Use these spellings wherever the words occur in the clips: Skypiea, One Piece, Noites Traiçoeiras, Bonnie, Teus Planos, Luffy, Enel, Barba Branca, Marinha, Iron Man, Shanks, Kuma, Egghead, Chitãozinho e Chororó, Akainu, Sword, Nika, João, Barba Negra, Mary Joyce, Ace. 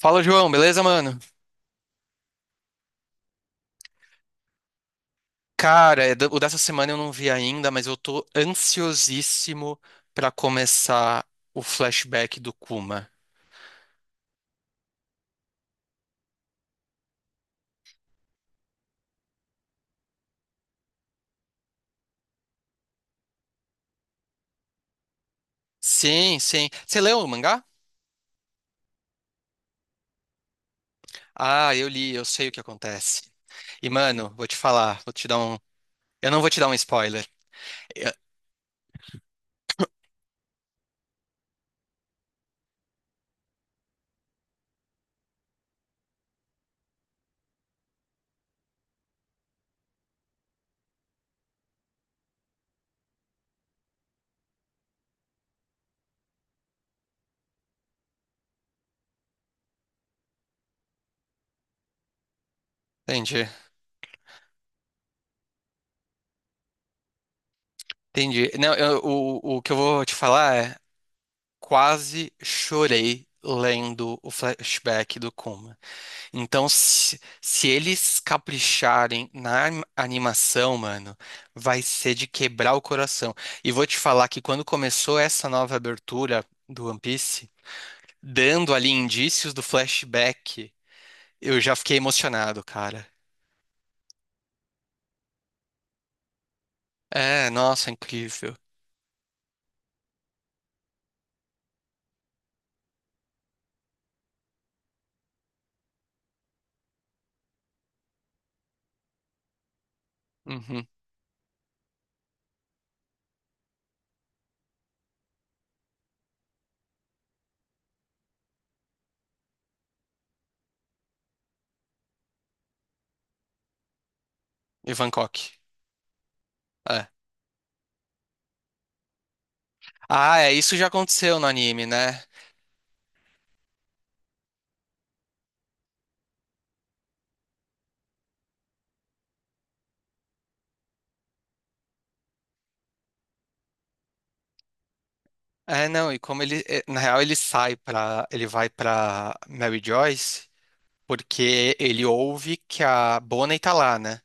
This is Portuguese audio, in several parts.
Fala, João, beleza, mano? Cara, o dessa semana eu não vi ainda, mas eu tô ansiosíssimo pra começar o flashback do Kuma. Sim. Você leu o mangá? Ah, eu li, eu sei o que acontece. E, mano, vou te falar, vou te dar um. Eu não vou te dar um spoiler. Eu- Entendi, entendi. Não, o que eu vou te falar é: quase chorei lendo o flashback do Kuma. Então, se eles capricharem na animação, mano, vai ser de quebrar o coração. E vou te falar que quando começou essa nova abertura do One Piece, dando ali indícios do flashback, eu já fiquei emocionado, cara. É, nossa, incrível. Uhum. E Bangkok. É. Ah, é, isso já aconteceu no anime, né? É, não, e como ele, é, na real, ele sai pra, ele vai pra Mary Joyce, porque ele ouve que a Bonnie tá lá, né?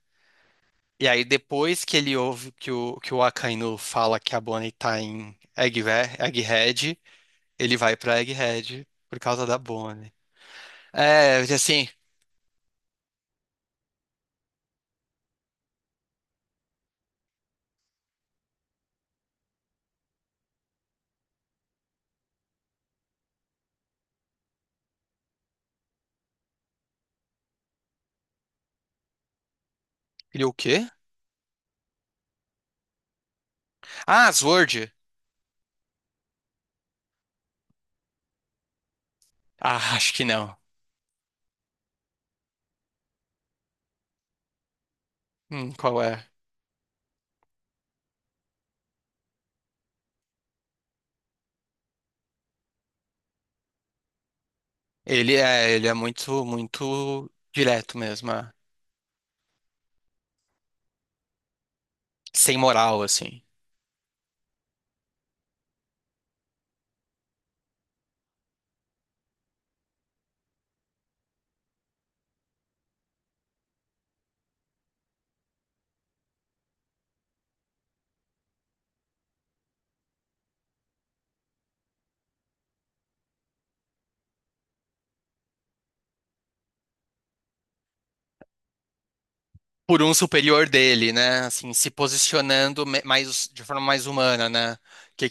E aí depois que ele ouve que o Akainu fala que a Bonnie tá em Egghead, ele vai pra Egghead por causa da Bonnie. É, assim, ele é o quê? Ah, Sword. Ah, acho que não. Qual é? Ele é, ele é muito, muito direto mesmo, é. Sem moral, assim. Por um superior dele, né? Assim, se posicionando mais, de forma mais humana, né? Que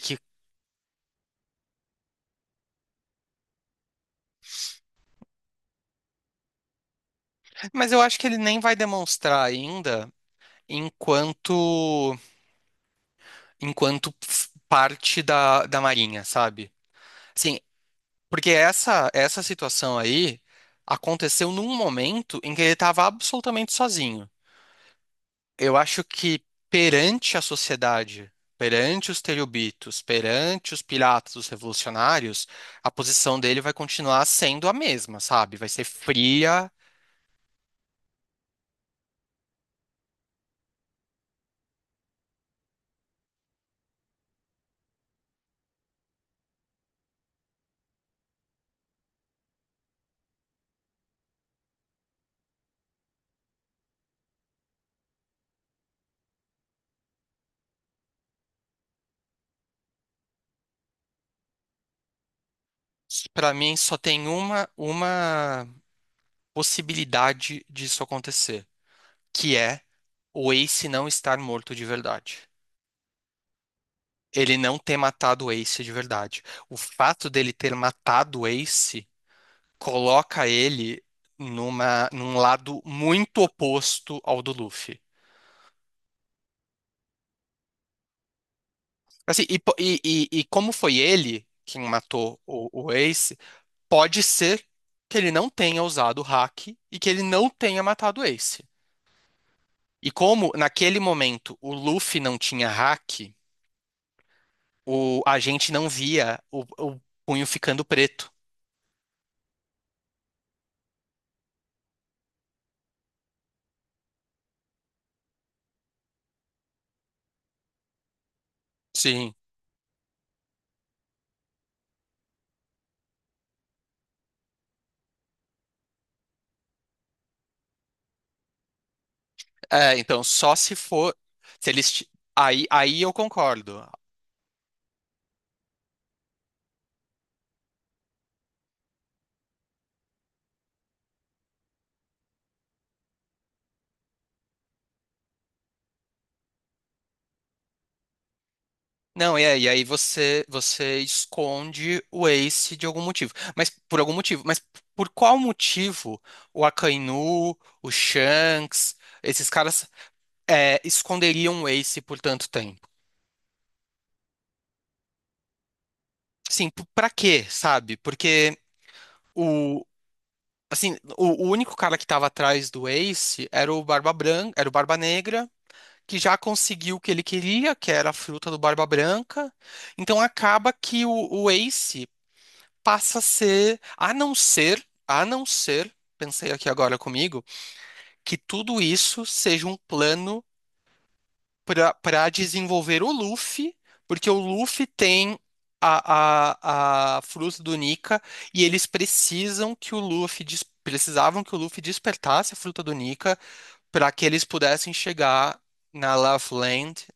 mas eu acho que ele nem vai demonstrar ainda enquanto parte da, da Marinha, sabe? Assim, porque essa situação aí aconteceu num momento em que ele estava absolutamente sozinho. Eu acho que perante a sociedade, perante os terribitos, perante os piratas, os revolucionários, a posição dele vai continuar sendo a mesma, sabe? Vai ser fria. Pra mim só tem uma possibilidade disso acontecer, que é o Ace não estar morto de verdade. Ele não ter matado o Ace de verdade. O fato dele ter matado o Ace coloca ele num lado muito oposto ao do Luffy. Assim, e, e como foi ele quem matou o Ace, pode ser que ele não tenha usado o hack e que ele não tenha matado o Ace. E como naquele momento o Luffy não tinha hack, o, a gente não via o punho ficando preto. Sim. É, então, só se for. Se eles. Ti- Aí, aí eu concordo. Não, é, e aí você, você esconde o Ace de algum motivo. Mas por algum motivo. Mas por qual motivo o Akainu, o Shanks, esses caras é, esconderiam o Ace por tanto tempo? Sim, pra quê, sabe? Porque. Assim, o único cara que tava atrás do Ace era o Barba Branca, era o Barba Negra, que já conseguiu o que ele queria, que era a fruta do Barba Branca. Então acaba que o Ace passa a ser, a não ser, pensei aqui agora comigo, que tudo isso seja um plano para desenvolver o Luffy, porque o Luffy tem a fruta do Nika e eles precisam que o precisavam que o Luffy despertasse a fruta do Nika para que eles pudessem chegar na Love Land.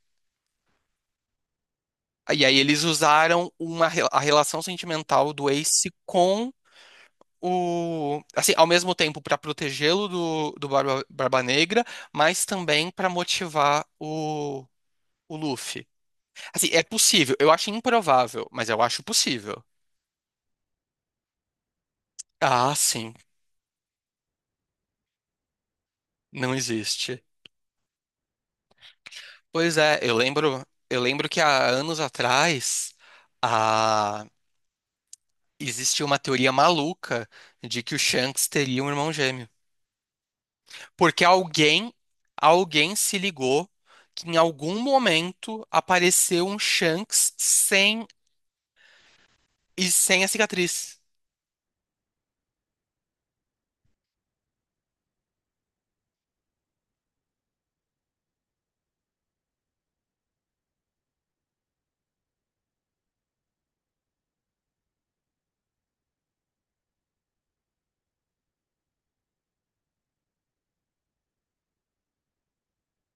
E aí eles usaram a relação sentimental do Ace com o, assim, ao mesmo tempo para protegê-lo do, do Barba, Barba Negra, mas também para motivar o Luffy. Assim, é possível. Eu acho improvável, mas eu acho possível. Ah, sim. Não existe. Pois é, eu lembro que há anos atrás, a... existia uma teoria maluca de que o Shanks teria um irmão gêmeo. Porque alguém, alguém se ligou que em algum momento apareceu um Shanks sem e sem a cicatriz.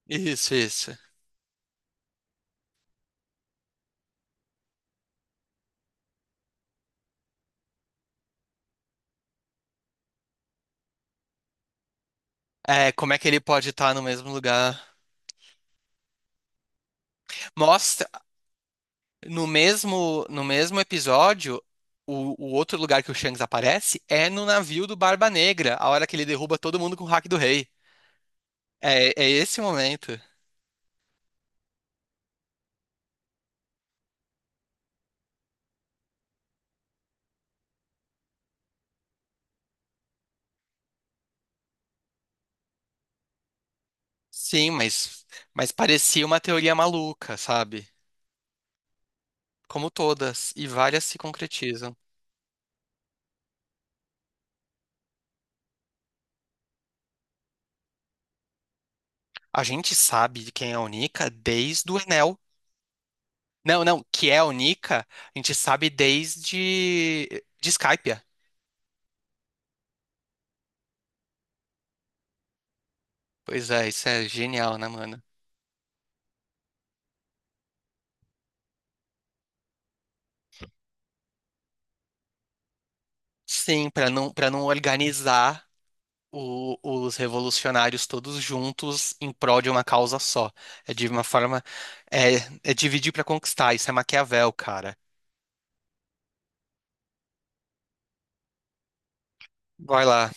Isso, isso. É, como é que ele pode estar no mesmo lugar? Mostra. No mesmo, no mesmo episódio, o outro lugar que o Shanks aparece é no navio do Barba Negra, a hora que ele derruba todo mundo com o hack do rei. É, é esse momento. Sim, mas parecia uma teoria maluca, sabe? Como todas, e várias se concretizam. A gente sabe de quem é a Nika desde o Enel. Não, não, que é a Nika, a gente sabe desde de Skypiea. Pois é, isso é genial, né, mano? Sim, pra não, para não organizar os revolucionários todos juntos em prol de uma causa só. É de uma forma. É, é dividir para conquistar. Isso é Maquiavel, cara. Vai lá,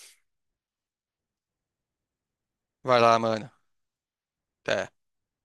vai lá, mano. Até.